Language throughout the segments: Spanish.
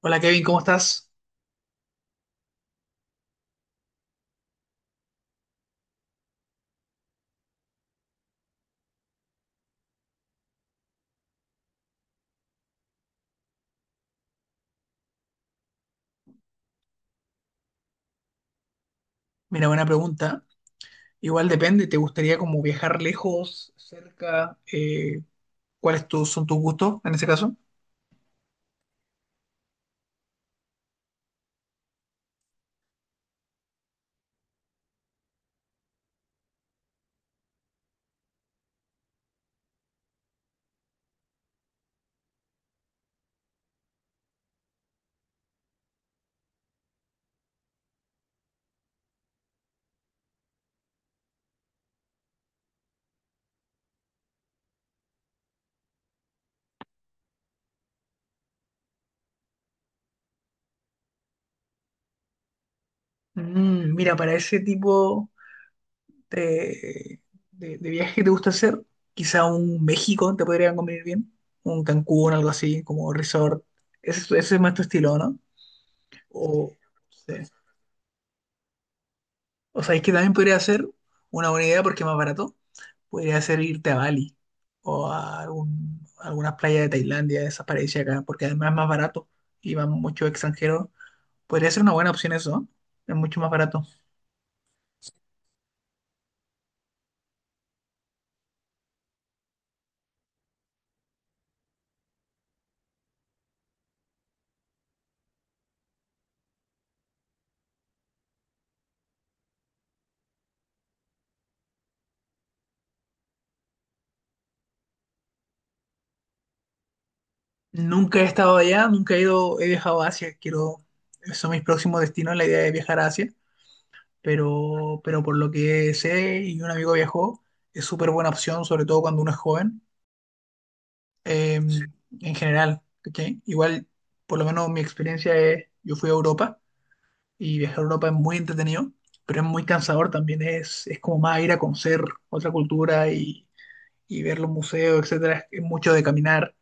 Hola Kevin, ¿cómo estás? Mira, buena pregunta. Igual depende, ¿te gustaría como viajar lejos, cerca? Son tus gustos en ese caso? Mira, para ese tipo de, de viaje que te gusta hacer, quizá un México te podría convenir bien, un Cancún, algo así, como resort. Ese es más tu estilo, ¿no? O, sí. O sea, es que también podría ser una buena idea porque es más barato. Podría ser irte a Bali o a algunas playas de Tailandia, de esas paradisíacas, acá, porque además es más barato y van muchos extranjeros. Podría ser una buena opción eso, ¿no? Es mucho más barato. Nunca he estado allá, nunca he ido, he viajado a Asia. Quiero, son mis próximos destinos, la idea de viajar a Asia, pero por lo que sé y un amigo viajó, es súper buena opción, sobre todo cuando uno es joven, eh, en general, ¿cachai? Igual, por lo menos mi experiencia es, yo fui a Europa y viajar a Europa es muy entretenido, pero es muy cansador también, es como más ir a conocer otra cultura y ver los museos, etcétera, es mucho de caminar.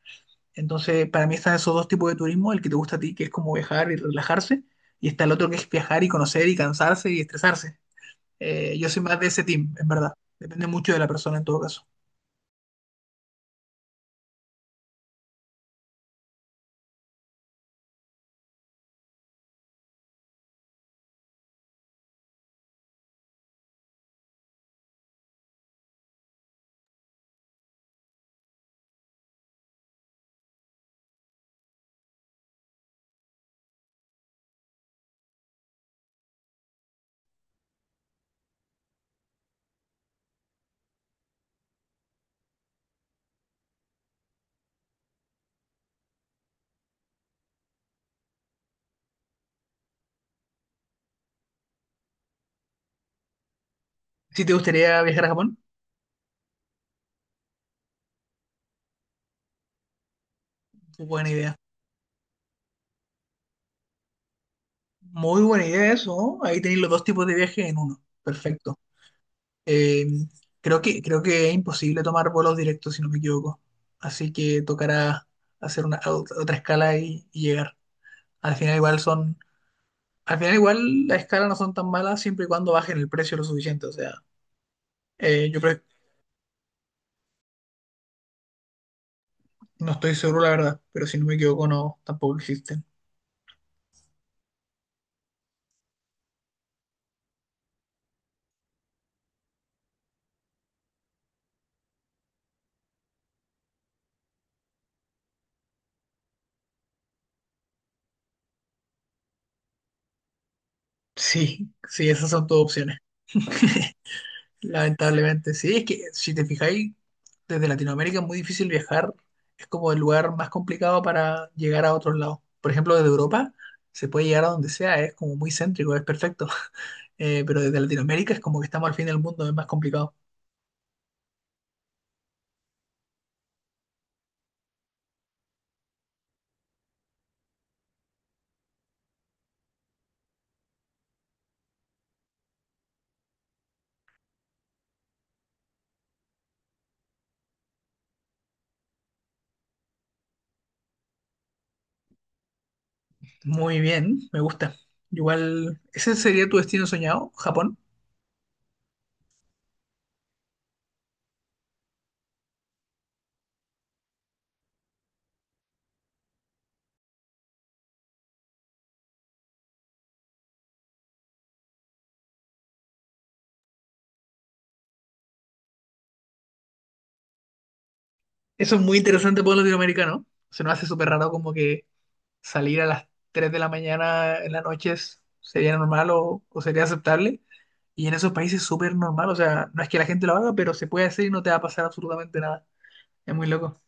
Entonces, para mí están esos dos tipos de turismo, el que te gusta a ti, que es como viajar y relajarse, y está el otro que es viajar y conocer y cansarse y estresarse. Yo soy más de ese team, en verdad. Depende mucho de la persona en todo caso. Si te gustaría viajar a Japón, buena idea. Muy buena idea eso, ¿no? Ahí tenéis los dos tipos de viaje en uno. Perfecto. Eh, creo que es imposible tomar vuelos directos, si no me equivoco. Así que tocará hacer una, otra escala y llegar. Al final igual son, al final igual las escalas no son tan malas siempre y cuando bajen el precio lo suficiente. O sea, eh, yo creo- no estoy seguro la verdad, pero si no me equivoco no, tampoco existen. Sí, sí, esas son todas opciones. Lamentablemente, sí, es que si te fijáis, desde Latinoamérica es muy difícil viajar, es como el lugar más complicado para llegar a otros lados. Por ejemplo, desde Europa se puede llegar a donde sea, es como muy céntrico, es perfecto. Pero desde Latinoamérica es como que estamos al fin del mundo, es más complicado. Muy bien, me gusta. Igual, ¿ese sería tu destino soñado, Japón? Eso es muy interesante para un latinoamericano, se nos hace súper raro como que salir a las 3 de la mañana en la noche sería normal o sería aceptable. Y en esos países es súper normal, o sea, no es que la gente lo haga, pero se puede hacer y no te va a pasar absolutamente nada. Es muy loco.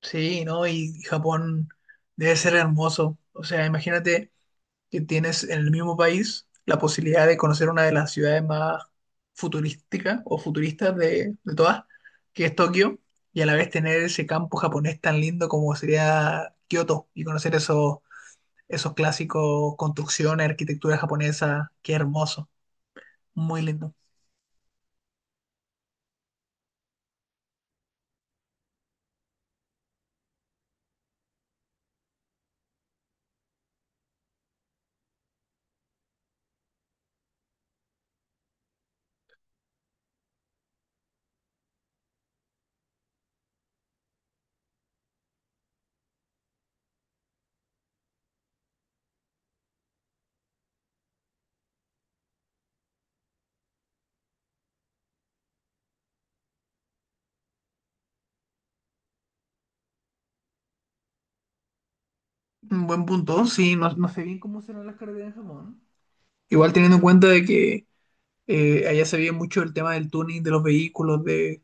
Sí, ¿no? Y Japón debe ser hermoso. O sea, imagínate que tienes en el mismo país la posibilidad de conocer una de las ciudades más futurísticas o futuristas de todas, que es Tokio, y a la vez tener ese campo japonés tan lindo como sería Kioto y conocer esos clásicos, construcciones, arquitectura japonesa, qué hermoso, muy lindo. Un buen punto, sí, no, no sé bien cómo serán las carreteras en Japón. Igual teniendo en cuenta de que allá se ve mucho el tema del tuning de los vehículos,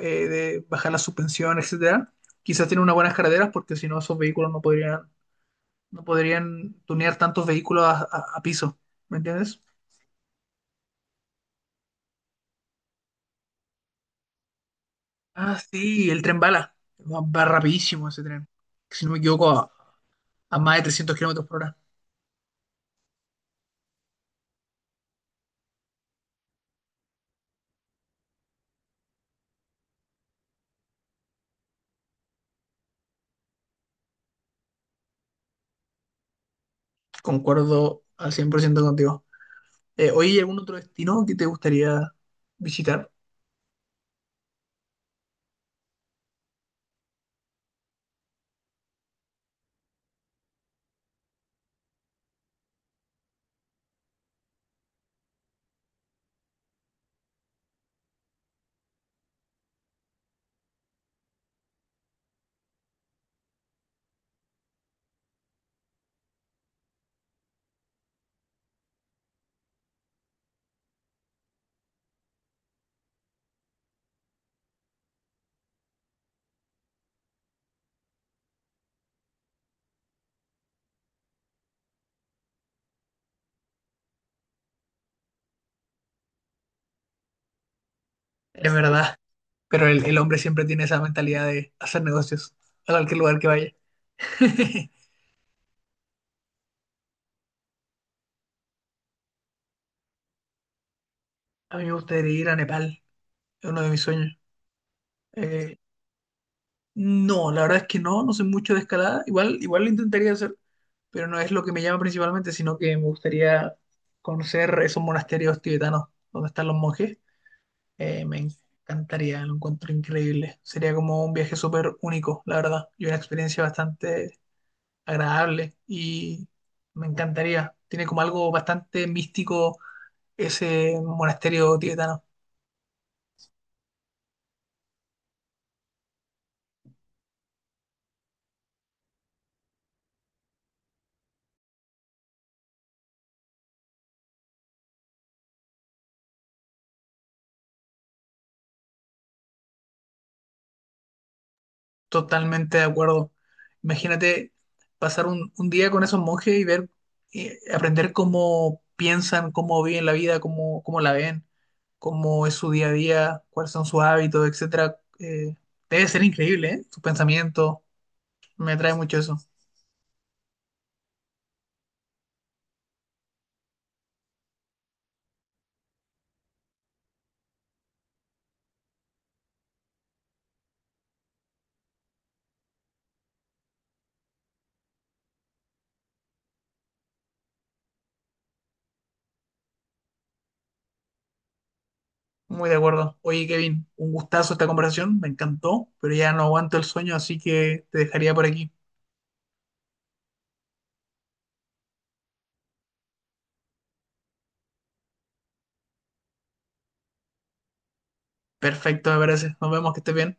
de bajar la suspensión, etcétera. Quizás tienen unas buenas carreteras porque si no esos vehículos no podrían, no podrían tunear tantos vehículos a, a piso, ¿me entiendes? Ah, sí, el tren bala. Va, va rapidísimo ese tren. Si no me equivoco, a más de 300 kilómetros por hora. Concuerdo al 100% contigo. ¿Hoy hay algún otro destino que te gustaría visitar? Es verdad, pero el hombre siempre tiene esa mentalidad de hacer negocios a cualquier lugar que vaya. A mí me gustaría ir a Nepal, es uno de mis sueños. Eh, no, la verdad es que no, no sé mucho de escalada. Igual, igual lo intentaría hacer, pero no es lo que me llama principalmente, sino que me gustaría conocer esos monasterios tibetanos donde están los monjes. Me encantaría, lo encuentro increíble. Sería como un viaje súper único, la verdad, y una experiencia bastante agradable. Y me encantaría. Tiene como algo bastante místico ese monasterio tibetano. Totalmente de acuerdo. Imagínate pasar un día con esos monjes y ver, aprender cómo piensan, cómo viven la vida, cómo, cómo la ven, cómo es su día a día, cuáles son sus hábitos, etcétera. Debe ser increíble, ¿eh? Sus pensamientos, me atrae mucho eso. Muy de acuerdo. Oye, Kevin, un gustazo esta conversación. Me encantó, pero ya no aguanto el sueño, así que te dejaría por aquí. Perfecto, me parece. Nos vemos, que estés bien.